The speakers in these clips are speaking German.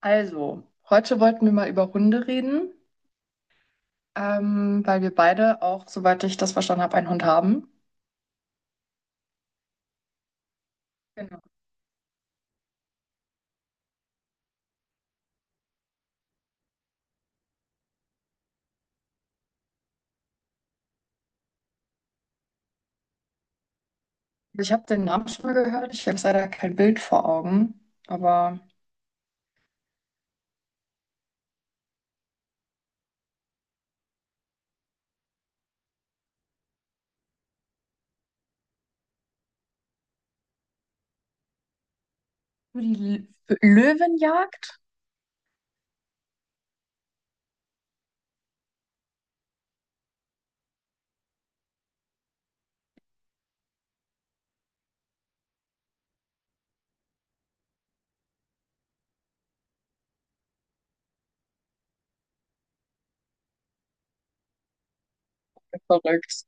Also, heute wollten wir mal über Hunde reden, weil wir beide auch, soweit ich das verstanden habe, einen Hund haben. Genau. Also, ich habe den Namen schon mal gehört, ich habe leider kein Bild vor Augen, aber die L Löwenjagd? Verrückt.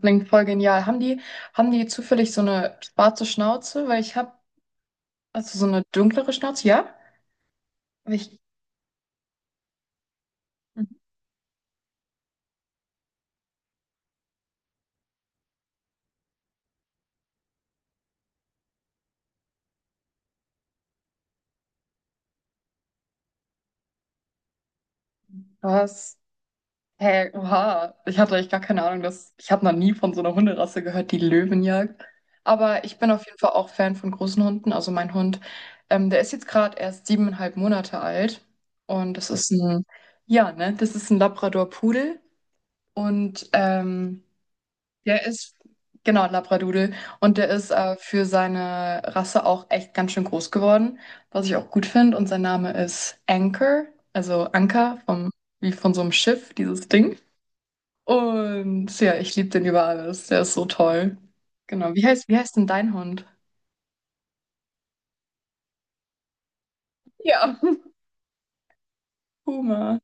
Klingt voll genial. Haben die zufällig so eine schwarze Schnauze? Weil ich habe, also so eine dunklere Schnauze, ja? Aber was? Hä, oha, ich hatte eigentlich gar keine Ahnung, dass ich habe noch nie von so einer Hunderasse gehört, die Löwen jagt. Aber ich bin auf jeden Fall auch Fan von großen Hunden. Also mein Hund, der ist jetzt gerade erst 7,5 Monate alt und das ist ein, ja, ne, das ist ein Labrador-Pudel und der ist genau ein Labradudel und der ist für seine Rasse auch echt ganz schön groß geworden, was ich auch gut finde. Und sein Name ist Anchor, also Anker vom, wie von so einem Schiff, dieses Ding. Und ja, ich liebe den über alles. Der ist so toll. Genau. Wie heißt denn dein Hund? Ja, Puma.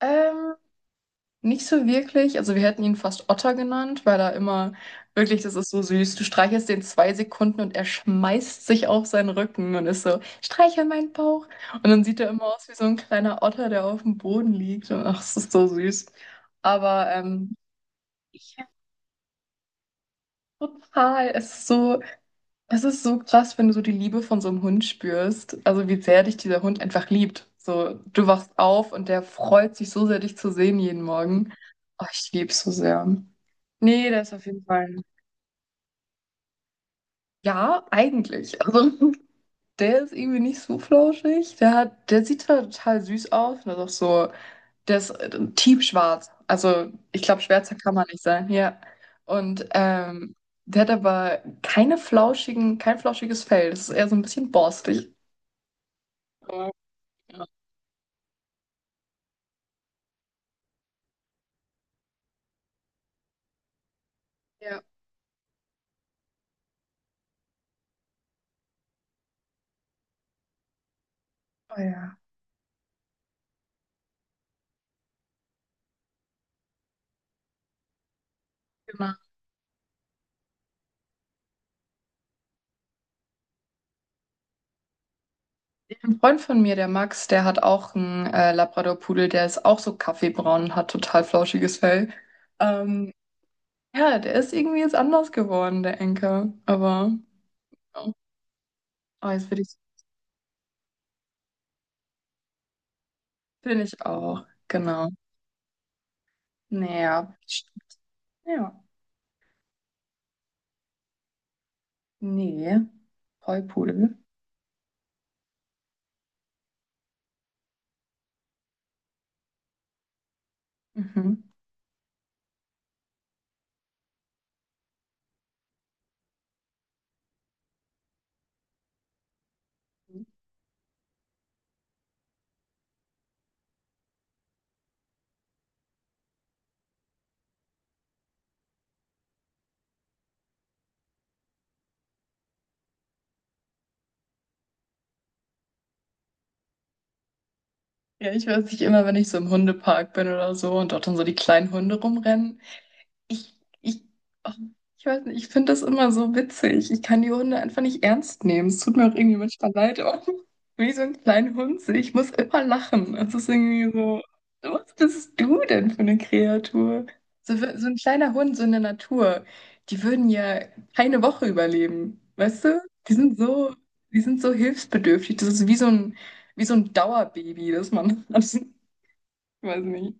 Ähm, nicht so wirklich. Also wir hätten ihn fast Otter genannt, weil er immer, wirklich, das ist so süß. Du streichelst den 2 Sekunden und er schmeißt sich auf seinen Rücken und ist so, streichel meinen Bauch. Und dann sieht er immer aus wie so ein kleiner Otter, der auf dem Boden liegt. Und ach, es ist so süß. Aber ich total, es ist so. Es ist so krass, wenn du so die Liebe von so einem Hund spürst. Also wie sehr dich dieser Hund einfach liebt. So, du wachst auf und der freut sich so sehr, dich zu sehen jeden Morgen. Oh, ich liebe es so sehr. Nee, der ist auf jeden Fall. Ja, eigentlich. Also der ist irgendwie nicht so flauschig. Der hat, der sieht zwar total süß aus, und ist auch so, der ist tiefschwarz. Also ich glaube, schwärzer kann man nicht sein. Ja. Und der hat aber keine flauschigen, kein flauschiges Fell. Das ist eher so ein bisschen borstig. Ja, ja, oh ja, genau. Ein Freund von mir, der Max, der hat auch einen Labrador-Pudel, der ist auch so kaffeebraun und hat total flauschiges Fell. Ähm, ja, der ist irgendwie jetzt anders geworden, der Enker. Aber ja. Oh, will ich auch. Genau. Naja. Ja. Ja. Nee. Vollpudel. Mhm. Ja, ich weiß nicht, immer wenn ich so im Hundepark bin oder so und dort dann so die kleinen Hunde rumrennen. Ich, ich, oh, ich weiß nicht, ich finde das immer so witzig. Ich kann die Hunde einfach nicht ernst nehmen. Es tut mir auch irgendwie manchmal leid, aber wie so ein kleiner Hund. Ich muss immer lachen. Es ist irgendwie so, was bist du denn für eine Kreatur? So, so ein kleiner Hund, so in der Natur, die würden ja keine Woche überleben. Weißt du? Die sind so, die sind so hilfsbedürftig. Das ist wie so ein Dauerbaby, das man hat. Ich weiß nicht.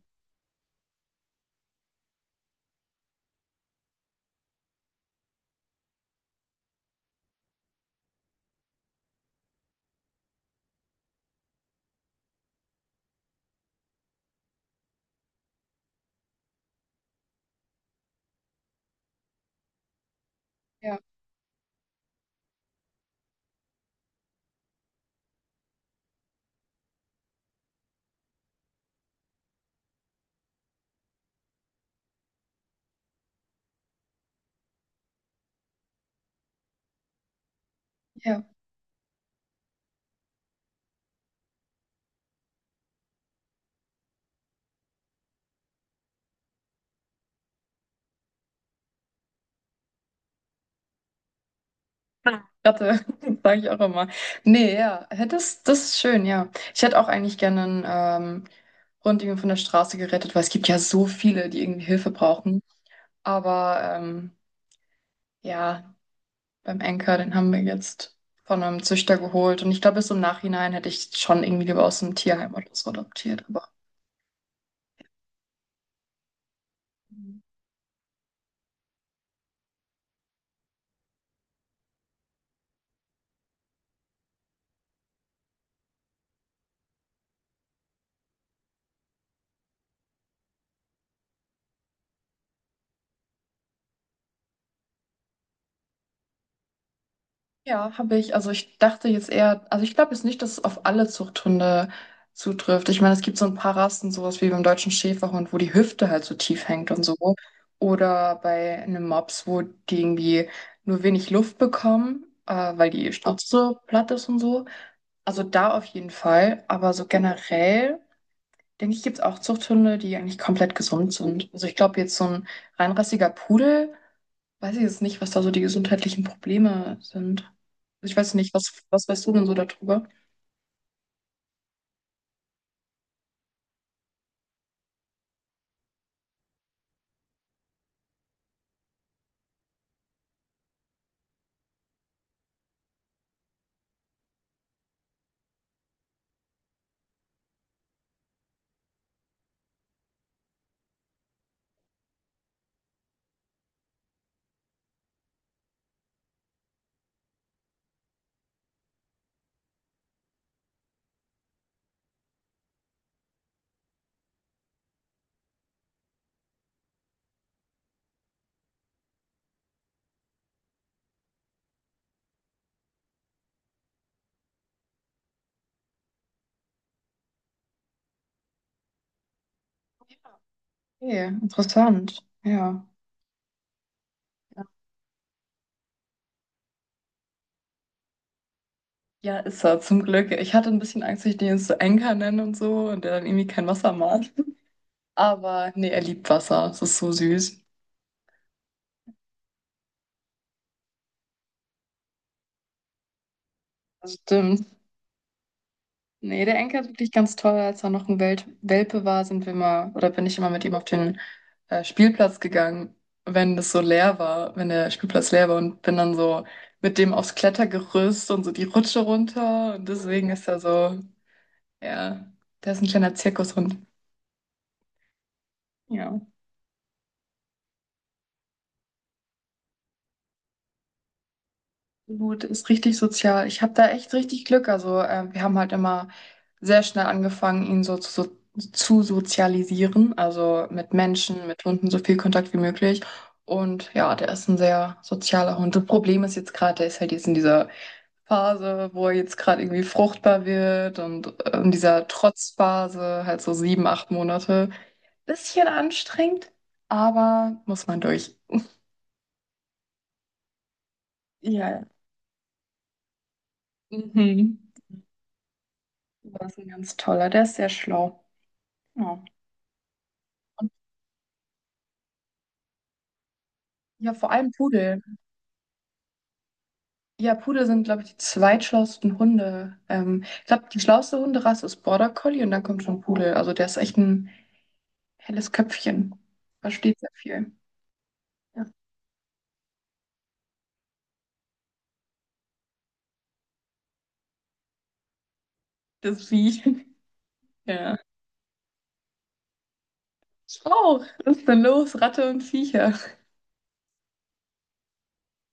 Ja. Ja. Ratte, sage ich auch immer. Nee, ja, hä, das ist schön, ja. Ich hätte auch eigentlich gerne einen Rundjungen von der Straße gerettet, weil es gibt ja so viele, die irgendwie Hilfe brauchen. Aber ja, beim Enker, den haben wir jetzt von einem Züchter geholt. Und ich glaube, bis im Nachhinein hätte ich schon irgendwie lieber aus einem Tierheim oder so adoptiert. Aber ja, habe ich. Also ich dachte jetzt eher, also ich glaube jetzt nicht, dass es auf alle Zuchthunde zutrifft. Ich meine, es gibt so ein paar Rassen, sowas wie beim deutschen Schäferhund, wo die Hüfte halt so tief hängt und so. Oder bei einem Mops, wo die irgendwie nur wenig Luft bekommen, weil die Schnauze so platt ist und so. Also da auf jeden Fall. Aber so generell, denke ich, gibt es auch Zuchthunde, die eigentlich komplett gesund sind. Also ich glaube jetzt so ein reinrassiger Pudel. Weiß ich jetzt nicht, was da so die gesundheitlichen Probleme sind. Ich weiß nicht, was weißt du denn so darüber? Okay, interessant. Ja. Ja, ist er, zum Glück. Ich hatte ein bisschen Angst, dass ich den jetzt so Enker nenne und so und der dann irgendwie kein Wasser mag. Aber nee, er liebt Wasser. Das ist so süß. Das stimmt. Nee, der Enker ist wirklich ganz toll. Als er noch ein Welpe war, sind wir mal, oder bin ich immer mit ihm auf den Spielplatz gegangen, wenn das so leer war, wenn der Spielplatz leer war und bin dann so mit dem aufs Klettergerüst und so die Rutsche runter. Und deswegen ist er so, ja, der ist ein kleiner Zirkushund. Ja. Gut, ist richtig sozial. Ich habe da echt richtig Glück. Also wir haben halt immer sehr schnell angefangen, so zu sozialisieren. Also mit Menschen, mit Hunden so viel Kontakt wie möglich. Und ja, der ist ein sehr sozialer Hund. Das Problem ist jetzt gerade, der ist halt jetzt in dieser Phase, wo er jetzt gerade irgendwie fruchtbar wird und in dieser Trotzphase, halt so 7, 8 Monate. Bisschen anstrengend, aber muss man durch. Ja. Mhm. Das ist ein ganz toller, der ist sehr schlau. Ja. Und ja, vor allem Pudel. Ja, Pudel sind, glaube ich, die zweitschlauesten Hunde. Ich glaube, die schlauste Hunderasse ist Border Collie und dann kommt schon Pudel. Also der ist echt ein helles Köpfchen. Versteht sehr viel. Ja. Das Vieh. Ja. Ich auch. Was ist denn los? Ratte und Viecher.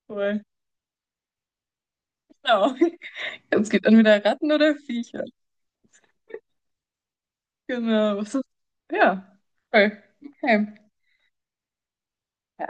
Cool. Genau. Es gibt entweder Ratten oder Viecher. Genau. Was ist- Ja. Cool. Okay. Ja.